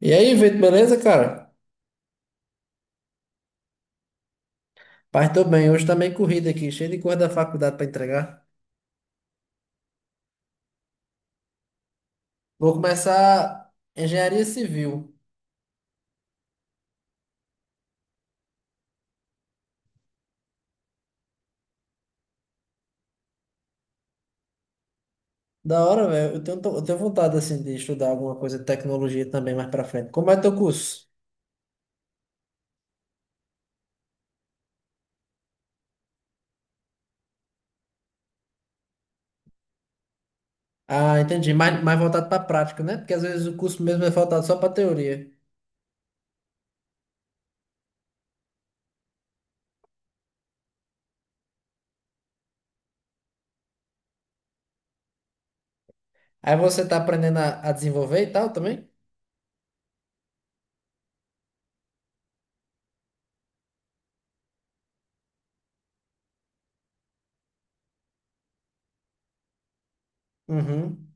E aí, Vitor, beleza, cara? Pai, tô bem. Hoje tá meio corrido aqui, cheio de coisa da faculdade pra entregar. Vou começar engenharia civil. Da hora, velho. Eu tenho vontade, assim, de estudar alguma coisa de tecnologia também mais pra frente. Como é teu curso? Ah, entendi. Mais voltado pra prática, né? Porque às vezes o curso mesmo é voltado só pra teoria. Aí você tá aprendendo a desenvolver e tal também? Uhum.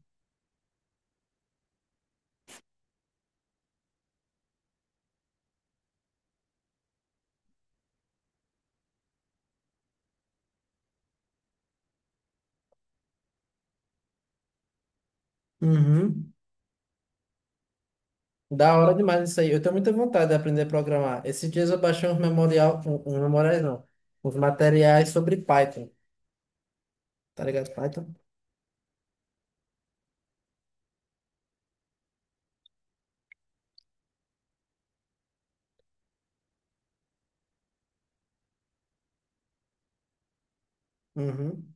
Uhum. Da hora demais isso aí. Eu tenho muita vontade de aprender a programar. Esses dias eu baixei uns memorial, um memoriais não, uns materiais sobre Python. Tá ligado? Python? Uhum.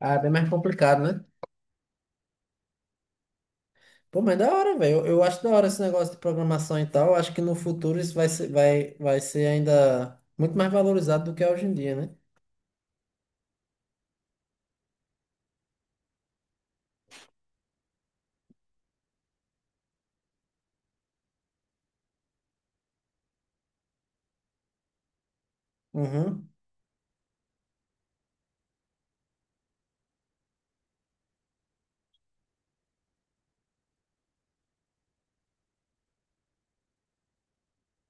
Ah, é bem mais complicado, né? Pô, mas da hora, velho. Eu acho da hora esse negócio de programação e tal. Eu acho que no futuro isso vai ser, vai ser ainda muito mais valorizado do que é hoje em dia, né? Uhum.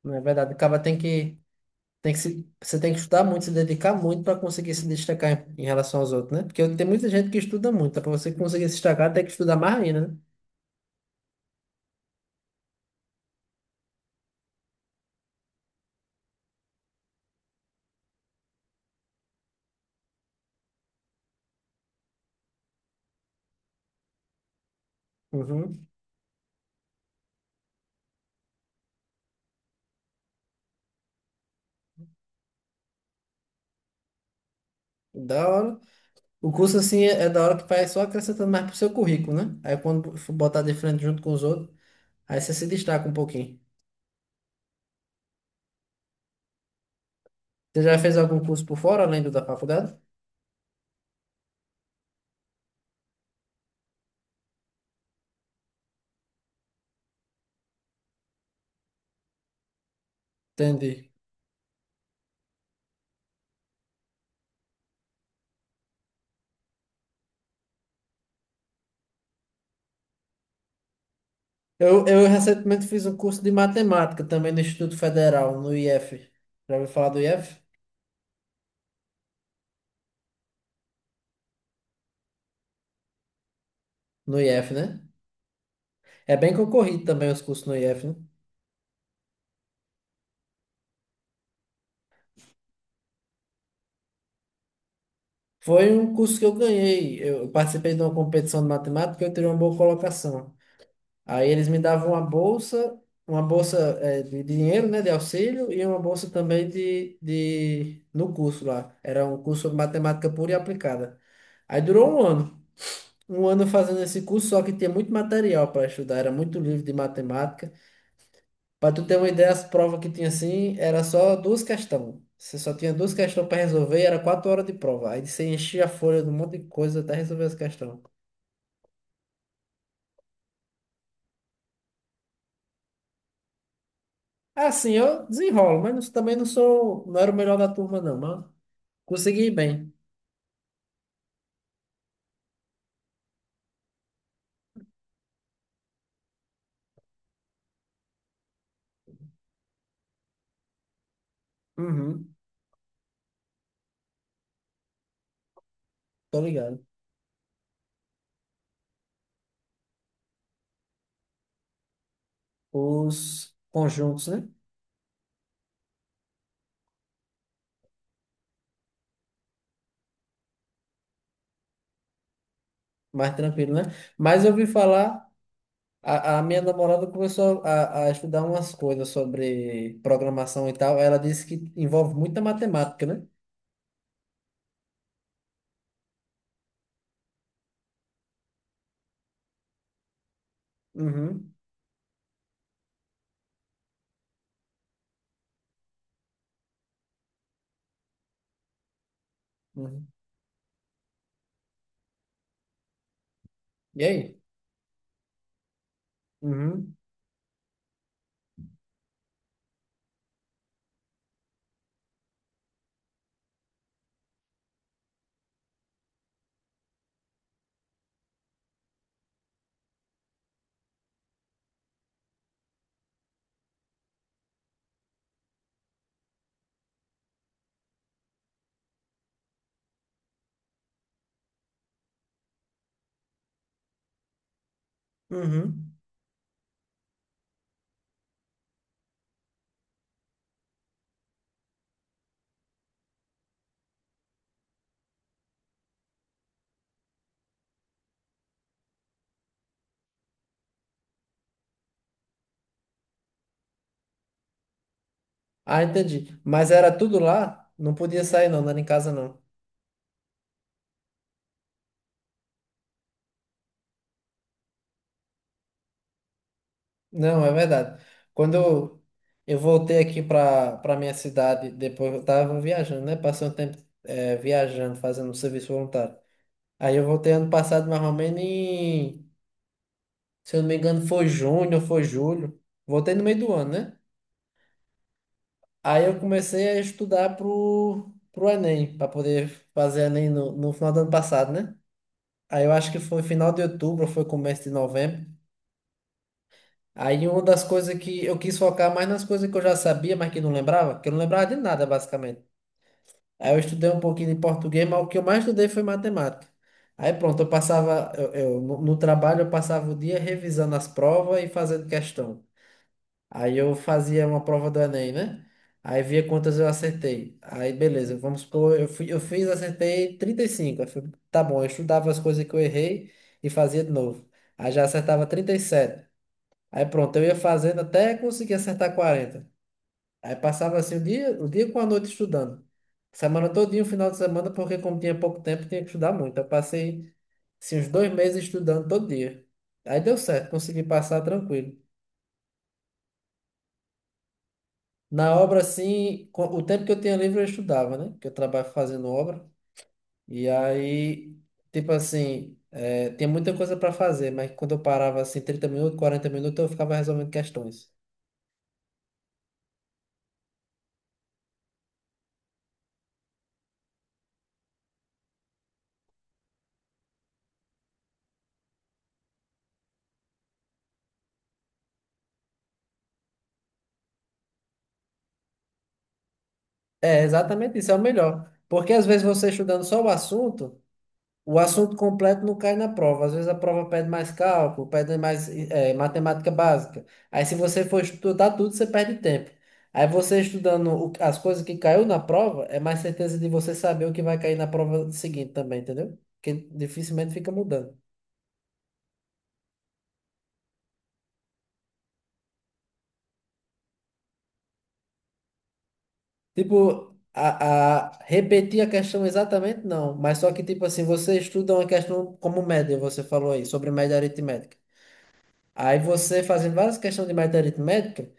Não é verdade. O cara tem que... Tem que se, você tem que estudar muito, se dedicar muito para conseguir se destacar em relação aos outros, né? Porque tem muita gente que estuda muito, tá? Para você conseguir se destacar, tem que estudar mais ainda, né? Uhum. Da hora. O curso, assim, é da hora que vai só acrescentando mais pro seu currículo, né? Aí quando for botar de frente junto com os outros, aí você se destaca um pouquinho. Você já fez algum curso por fora, além do da faculdade? Entendi. Eu recentemente fiz um curso de matemática também no Instituto Federal, no IF. Já ouviu falar do IF? No IF, né? É bem concorrido também os cursos no IF, né? Foi um curso que eu ganhei. Eu participei de uma competição de matemática e eu tirei uma boa colocação. Aí eles me davam uma bolsa de dinheiro, né, de auxílio, e uma bolsa também de no curso lá. Era um curso de matemática pura e aplicada. Aí durou um ano. Um ano fazendo esse curso, só que tinha muito material para estudar, era muito livro de matemática. Para tu ter uma ideia, as provas que tinha assim, era só duas questões. Você só tinha duas questões para resolver e era 4 horas de prova. Aí você enchia a folha de um monte de coisa até resolver as questões. Assim, eu desenrolo, mas não, também não sou, não era o melhor da turma, não, mas consegui ir bem. Uhum, tô ligado. Os conjuntos, né? Mais tranquilo, né? Mas eu ouvi falar. A minha namorada começou a estudar umas coisas sobre programação e tal. Ela disse que envolve muita matemática, né? Uhum, uhum. E aí? Uhum, uhum. Ah, entendi. Mas era tudo lá? Não podia sair, não, não era em casa, não. Não, é verdade. Quando eu voltei aqui para minha cidade, depois eu estava viajando, né? Passei um tempo viajando, fazendo um serviço voluntário. Aí eu voltei ano passado, mais ou menos em, se eu não me engano, foi junho ou foi julho. Voltei no meio do ano, né? Aí eu comecei a estudar pro Enem, para poder fazer Enem no final do ano passado, né? Aí eu acho que foi final de outubro, ou foi começo de novembro. Aí uma das coisas que eu quis focar mais nas coisas que eu já sabia, mas que não lembrava, que eu não lembrava de nada, basicamente. Aí eu estudei um pouquinho de português, mas o que eu mais estudei foi matemática. Aí pronto, eu passava, no trabalho eu passava o dia revisando as provas e fazendo questão. Aí eu fazia uma prova do Enem, né? Aí via quantas eu acertei. Aí beleza, vamos supor, eu fui, eu fiz, acertei 35. Aí fui, tá bom, eu estudava as coisas que eu errei e fazia de novo. Aí já acertava 37. Aí pronto, eu ia fazendo até conseguir acertar 40. Aí passava assim o dia com a noite estudando. Semana todinha, o final de semana, porque como tinha pouco tempo, tinha que estudar muito. Eu passei assim, uns 2 meses estudando todo dia. Aí deu certo, consegui passar tranquilo. Na obra, assim, o tempo que eu tinha livre eu estudava, né? Que eu trabalho fazendo obra. E aí, tipo assim, tinha muita coisa para fazer, mas quando eu parava assim 30 minutos, 40 minutos, eu ficava resolvendo questões. É, exatamente isso, é o melhor. Porque às vezes você estudando só o assunto. O assunto completo não cai na prova. Às vezes a prova pede mais cálculo, pede mais matemática básica. Aí se você for estudar tudo, você perde tempo. Aí você estudando as coisas que caiu na prova, é mais certeza de você saber o que vai cair na prova seguinte também, entendeu? Porque dificilmente fica mudando. Tipo, repetir a questão exatamente não, mas só que tipo assim, você estuda uma questão como média, você falou aí, sobre média aritmética. Aí você fazendo várias questões de média aritmética,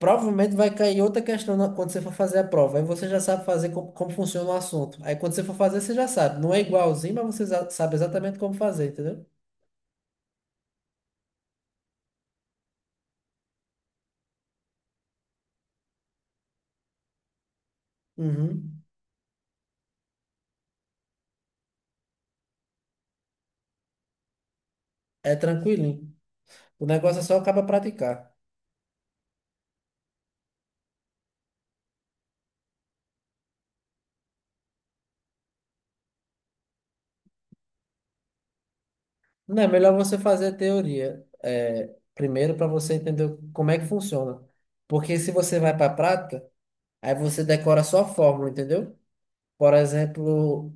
provavelmente vai cair outra questão quando você for fazer a prova. Aí você já sabe fazer como funciona o assunto. Aí quando você for fazer, você já sabe. Não é igualzinho, mas você sabe exatamente como fazer, entendeu? Uhum. É tranquilinho. O negócio é só acaba praticar. Não é melhor você fazer a teoria primeiro para você entender como é que funciona. Porque se você vai para a prática, aí você decora só a fórmula, entendeu? Por exemplo,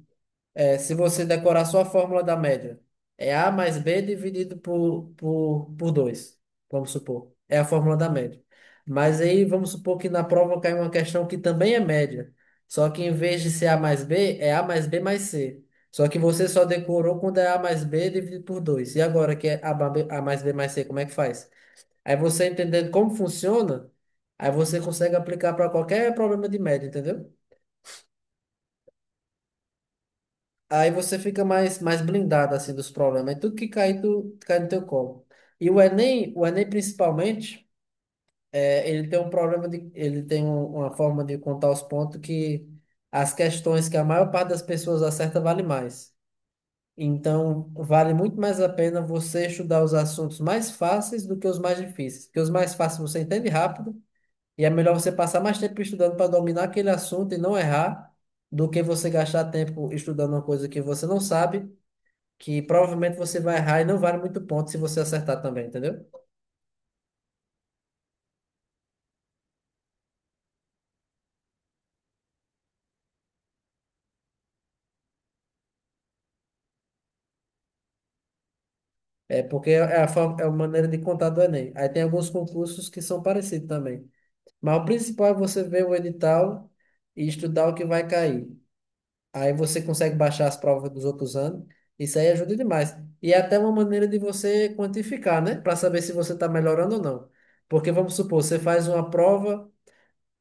é, se você decorar só a fórmula da média, é A mais B dividido por dois, vamos supor. É a fórmula da média. Mas aí vamos supor que na prova cai uma questão que também é média. Só que em vez de ser A mais B, é A mais B mais C. Só que você só decorou quando é A mais B dividido por dois. E agora que é A, A mais B mais C, como é que faz? Aí você entendendo como funciona, aí você consegue aplicar para qualquer problema de média, entendeu? Aí você fica mais, mais blindado assim dos problemas. É tudo que cai, tu, cai no teu colo. E o Enem principalmente, ele tem um problema de, uma forma de contar os pontos, que as questões que a maior parte das pessoas acerta vale mais. Então, vale muito mais a pena você estudar os assuntos mais fáceis do que os mais difíceis, porque os mais fáceis você entende rápido, e é melhor você passar mais tempo estudando para dominar aquele assunto e não errar do que você gastar tempo estudando uma coisa que você não sabe, que provavelmente você vai errar e não vale muito ponto se você acertar também, entendeu? É porque é é a maneira de contar do Enem. Aí tem alguns concursos que são parecidos também. Mas o principal é você ver o edital e estudar o que vai cair. Aí você consegue baixar as provas dos outros anos. Isso aí ajuda demais. E é até uma maneira de você quantificar, né? Para saber se você está melhorando ou não. Porque vamos supor, você faz uma prova.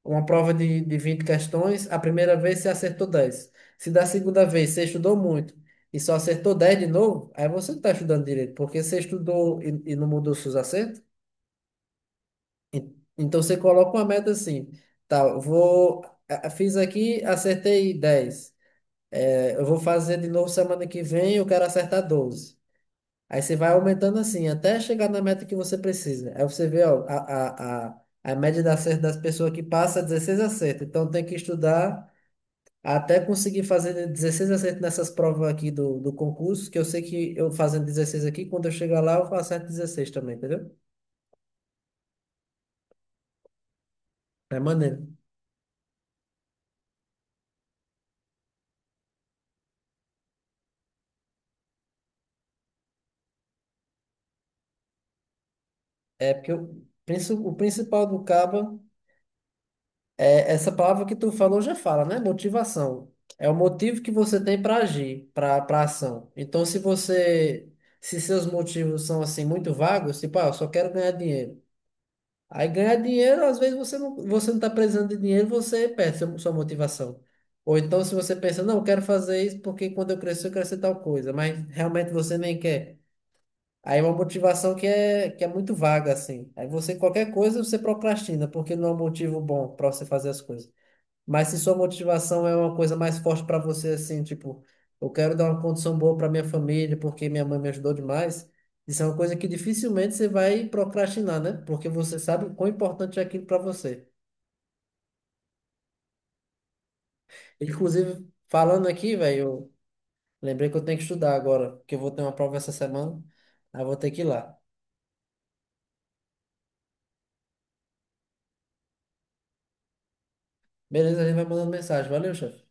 Uma prova de 20 questões, a primeira vez você acertou 10. Se da segunda vez você estudou muito e só acertou 10 de novo, aí você não está estudando direito, porque você estudou e não mudou seus acertos. Então você coloca uma meta assim, tá, eu vou, fiz aqui, acertei 10. É, eu vou fazer de novo semana que vem, eu quero acertar 12. Aí você vai aumentando assim, até chegar na meta que você precisa. Aí você vê, ó, a média de acerto das pessoas que passa é 16 acertos. Então tem que estudar até conseguir fazer 16 acertos nessas provas aqui do concurso, que eu sei que eu fazendo 16 aqui, quando eu chegar lá, eu faço 16 também, entendeu? É maneiro. É porque o principal do Caba é essa palavra que tu falou já fala, né? Motivação. É o motivo que você tem para agir, para ação. Então, se você, se seus motivos são assim muito vagos, tipo, ah, eu só quero ganhar dinheiro. Aí ganhar dinheiro, às vezes você não está precisando de dinheiro, você perde sua motivação. Ou então, se você pensa, não, eu quero fazer isso porque quando eu crescer, eu quero ser tal coisa, mas realmente você nem quer. Aí é uma motivação que é muito vaga, assim. Aí você, qualquer coisa, você procrastina, porque não é um motivo bom para você fazer as coisas. Mas se sua motivação é uma coisa mais forte para você, assim, tipo, eu quero dar uma condição boa para minha família porque minha mãe me ajudou demais, isso é uma coisa que dificilmente você vai procrastinar, né? Porque você sabe o quão importante é aquilo para você. Inclusive, falando aqui, velho, eu lembrei que eu tenho que estudar agora, porque eu vou ter uma prova essa semana, aí eu vou ter que ir lá. Beleza, a gente vai mandando mensagem. Valeu, chefe.